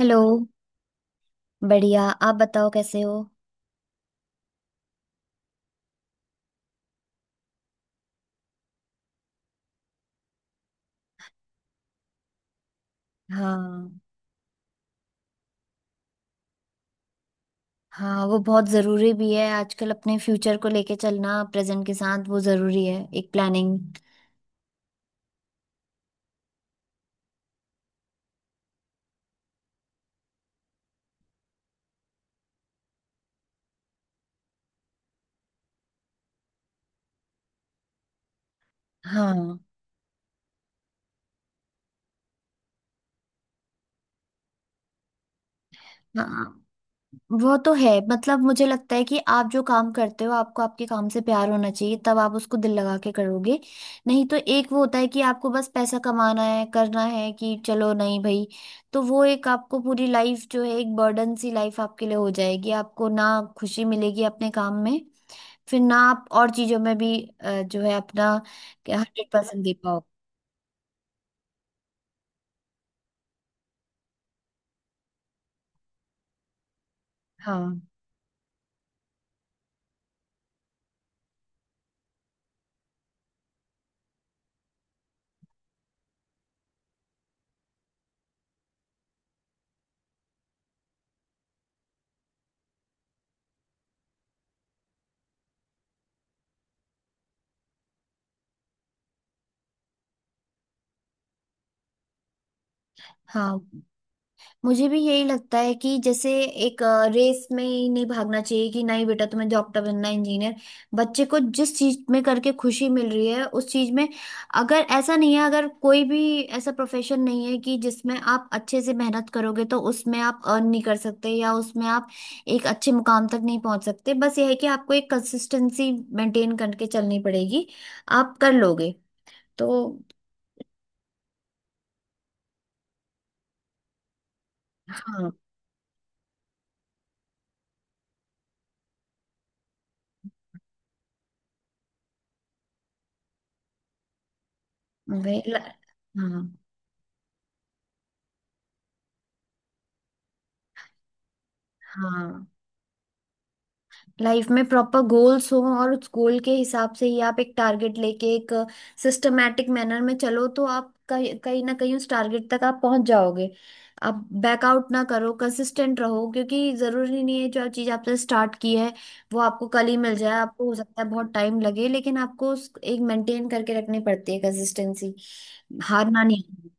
Hello. बढ़िया, आप बताओ कैसे हो। हाँ। हाँ, वो बहुत ज़रूरी भी है आजकल अपने फ्यूचर को लेके चलना प्रेजेंट के साथ, वो ज़रूरी है एक प्लानिंग। हाँ। हाँ, वो तो है। मतलब मुझे लगता है कि आप जो काम करते हो आपको आपके काम से प्यार होना चाहिए, तब आप उसको दिल लगा के करोगे। नहीं तो एक वो होता है कि आपको बस पैसा कमाना है, करना है कि चलो नहीं भाई। तो वो एक आपको पूरी लाइफ जो है, एक बर्डन सी लाइफ आपके लिए हो जाएगी। आपको ना खुशी मिलेगी अपने काम में, फिर ना आप और चीजों में भी जो है अपना 100% दे पाओ। हाँ। हाँ, मुझे भी यही लगता है कि जैसे एक रेस में ही नहीं भागना चाहिए कि नहीं बेटा तुम्हें डॉक्टर बनना है, इंजीनियर। बच्चे को जिस चीज में करके खुशी मिल रही है उस चीज में, अगर ऐसा नहीं है, अगर कोई भी ऐसा प्रोफेशन नहीं है कि जिसमें आप अच्छे से मेहनत करोगे, तो उसमें आप अर्न नहीं कर सकते या उसमें आप एक अच्छे मुकाम तक नहीं पहुंच सकते। बस यह है कि आपको एक कंसिस्टेंसी मेंटेन करके चलनी पड़ेगी, आप कर लोगे तो। हाँ वही ल-। हाँ। हाँ, लाइफ में प्रॉपर गोल्स हो और उस गोल के हिसाब से ही आप एक टारगेट लेके एक सिस्टमेटिक मैनर में चलो, तो आप कहीं कहीं ना कहीं उस टारगेट तक आप पहुंच जाओगे। आप बैकआउट ना करो, कंसिस्टेंट रहो, क्योंकि जरूरी नहीं है जो चीज आपने स्टार्ट की है वो आपको कल ही मिल जाए। आपको हो सकता है बहुत टाइम लगे, लेकिन आपको उस एक मेंटेन करके रखनी पड़ती है कंसिस्टेंसी। हारना नहीं है।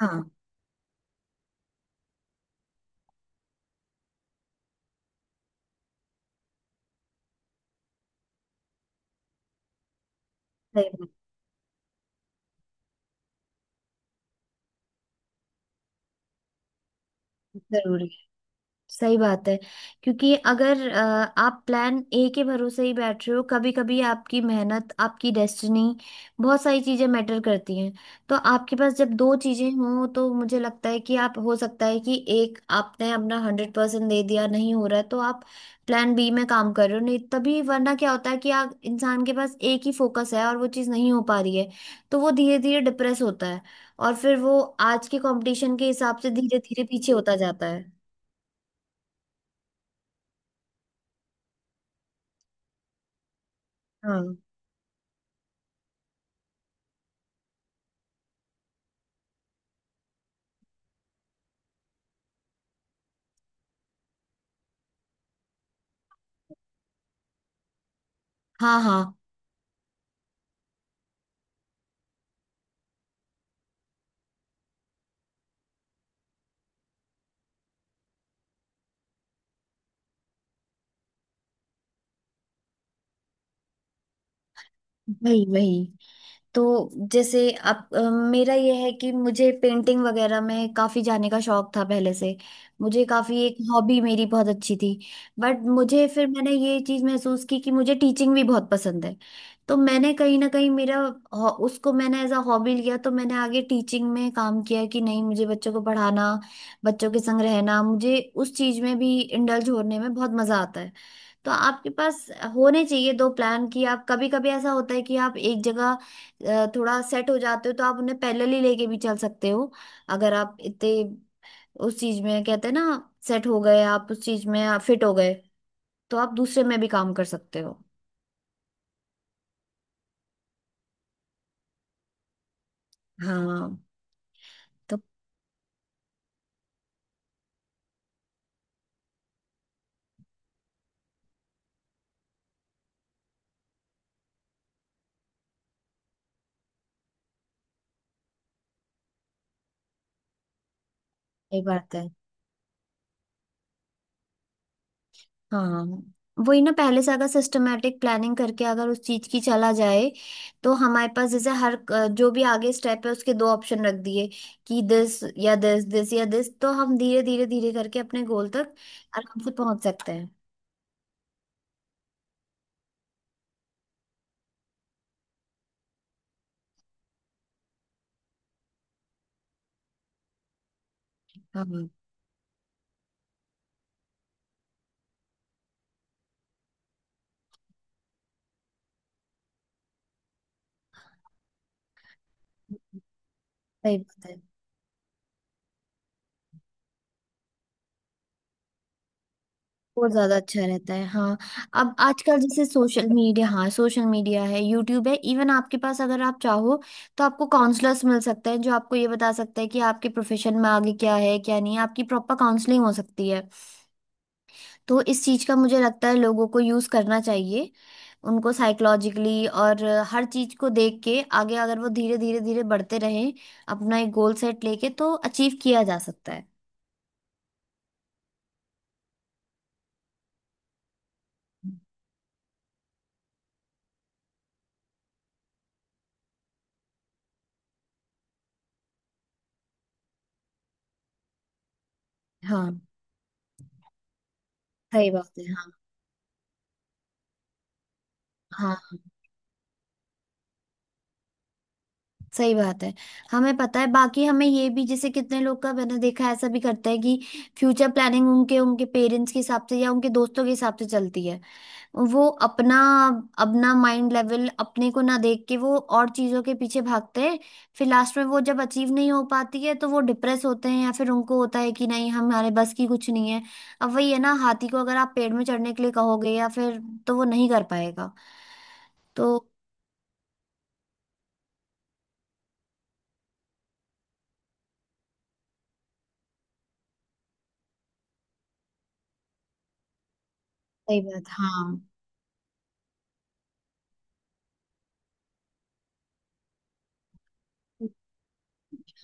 हाँ, सही बात। जरूरी है। सही बात है, क्योंकि अगर आप प्लान ए के भरोसे ही बैठ रहे हो, कभी कभी आपकी मेहनत, आपकी डेस्टिनी, बहुत सारी चीजें मैटर करती हैं। तो आपके पास जब दो चीजें हों तो मुझे लगता है कि आप, हो सकता है कि एक आपने अपना 100% दे दिया, नहीं हो रहा है, तो आप प्लान बी में काम कर रहे हो। नहीं तभी वरना क्या होता है कि आप, इंसान के पास एक ही फोकस है और वो चीज नहीं हो पा रही है, तो वो धीरे धीरे डिप्रेस होता है और फिर वो आज के कंपटीशन के हिसाब से धीरे धीरे पीछे होता जाता है। हाँ। हाँ। हाँ, वही वही। तो जैसे अब मेरा ये है कि मुझे पेंटिंग वगैरह में काफी जाने का शौक था पहले से। मुझे काफी, एक हॉबी मेरी बहुत अच्छी थी। बट मुझे फिर मैंने ये चीज महसूस की कि मुझे टीचिंग भी बहुत पसंद है। तो मैंने कहीं ना कहीं मेरा हॉ- उसको मैंने एज अ हॉबी लिया। तो मैंने आगे टीचिंग में काम किया कि नहीं, मुझे बच्चों को पढ़ाना, बच्चों के संग रहना, मुझे उस चीज में भी इंडल्ज होने में बहुत मजा आता है। तो आपके पास होने चाहिए दो प्लान कि आप, कभी कभी ऐसा होता है कि आप एक जगह थोड़ा सेट हो जाते हो, तो आप उन्हें पैरेलल ही लेके भी चल सकते हो। अगर आप इतने उस चीज में, कहते हैं ना, सेट हो गए, आप उस चीज में फिट हो गए, तो आप दूसरे में भी काम कर सकते हो। हाँ। तो सही बात है। हाँ, वही ना, पहले से अगर सिस्टमेटिक प्लानिंग करके अगर उस चीज की चला जाए, तो हमारे पास जैसे हर जो भी आगे स्टेप है उसके दो ऑप्शन रख दिए कि दिस या दिस, दिस या दिस, तो हम धीरे धीरे धीरे करके अपने गोल तक आराम से पहुंच सकते हैं। हाँ। सही बात है। वो ज्यादा अच्छा रहता है, हाँ। अब आजकल जैसे सोशल मीडिया, हाँ सोशल मीडिया है, यूट्यूब है, इवन आपके पास अगर आप चाहो तो आपको काउंसलर्स मिल सकते हैं जो आपको ये बता सकते हैं कि आपके प्रोफेशन में आगे क्या है क्या नहीं है। आपकी प्रॉपर काउंसलिंग हो सकती है, तो इस चीज का मुझे लगता है लोगों को यूज करना चाहिए। उनको साइकोलॉजिकली और हर चीज को देख के आगे, अगर वो धीरे धीरे धीरे बढ़ते रहें अपना एक गोल सेट लेके, तो अचीव किया जा सकता है। हाँ, सही बात है। हाँ, सही बात है। हमें पता है। बाकी हमें ये भी, जैसे कितने लोग का मैंने देखा है, ऐसा भी करता है कि फ्यूचर प्लानिंग उनके उनके पेरेंट्स के हिसाब से या उनके दोस्तों के हिसाब से चलती है। वो अपना अपना माइंड लेवल अपने को ना देख के वो और चीजों के पीछे भागते हैं। फिर लास्ट में वो जब अचीव नहीं हो पाती है, तो वो डिप्रेस होते हैं, या फिर उनको होता है कि नहीं हमारे बस की कुछ नहीं है। अब वही है ना, हाथी को अगर आप पेड़ में चढ़ने के लिए कहोगे या फिर, तो वो नहीं कर पाएगा। तो सही बात, हाँ।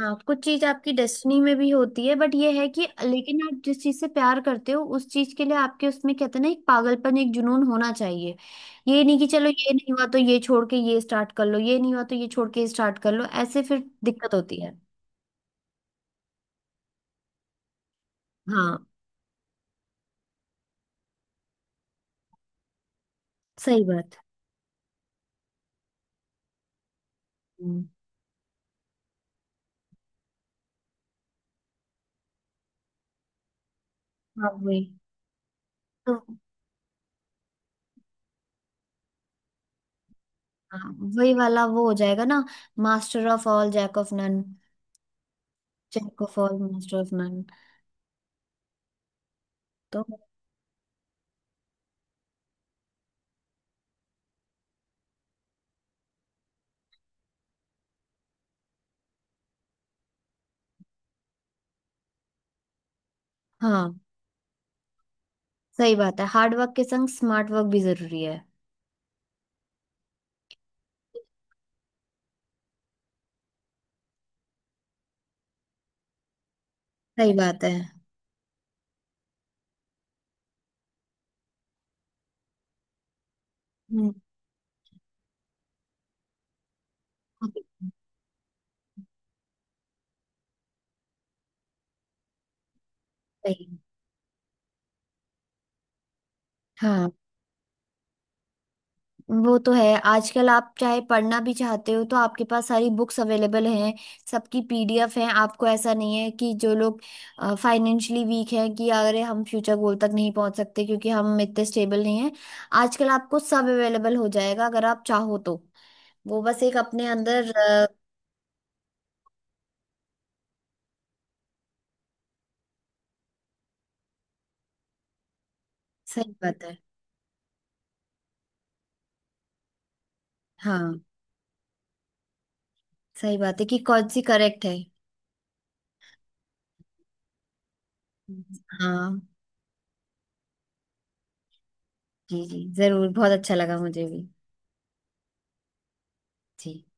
हाँ, कुछ चीज आपकी डेस्टिनी में भी होती है। बट ये है कि लेकिन आप जिस चीज से प्यार करते हो उस चीज के लिए आपके उसमें, कहते हैं ना, एक पागलपन, एक जुनून होना चाहिए। ये नहीं कि चलो ये नहीं हुआ तो ये छोड़ के ये स्टार्ट कर लो, ये नहीं हुआ तो ये छोड़ के स्टार्ट कर लो, ऐसे फिर दिक्कत होती है। हाँ सही बात। हम्म। हाँ वही। तो हाँ, वही वाला वो हो जाएगा ना, master of all jack of none. Jack of all master of none. तो हाँ, सही बात है, हार्ड वर्क के संग स्मार्ट वर्क भी जरूरी है। सही बात है। हम्म। सही। हाँ वो तो है, आजकल आप चाहे पढ़ना भी चाहते हो तो आपके पास सारी बुक्स अवेलेबल हैं, सबकी पीडीएफ हैं। आपको ऐसा नहीं है कि जो लोग फाइनेंशियली वीक हैं कि अगर हम फ्यूचर गोल तक नहीं पहुंच सकते क्योंकि हम इतने स्टेबल नहीं हैं, आजकल आपको सब अवेलेबल हो जाएगा अगर आप चाहो तो। वो बस एक अपने अंदर सही बात है। हाँ सही बात है, कि कौन सी करेक्ट है। हाँ जी जी जरूर, बहुत अच्छा लगा मुझे भी। जी।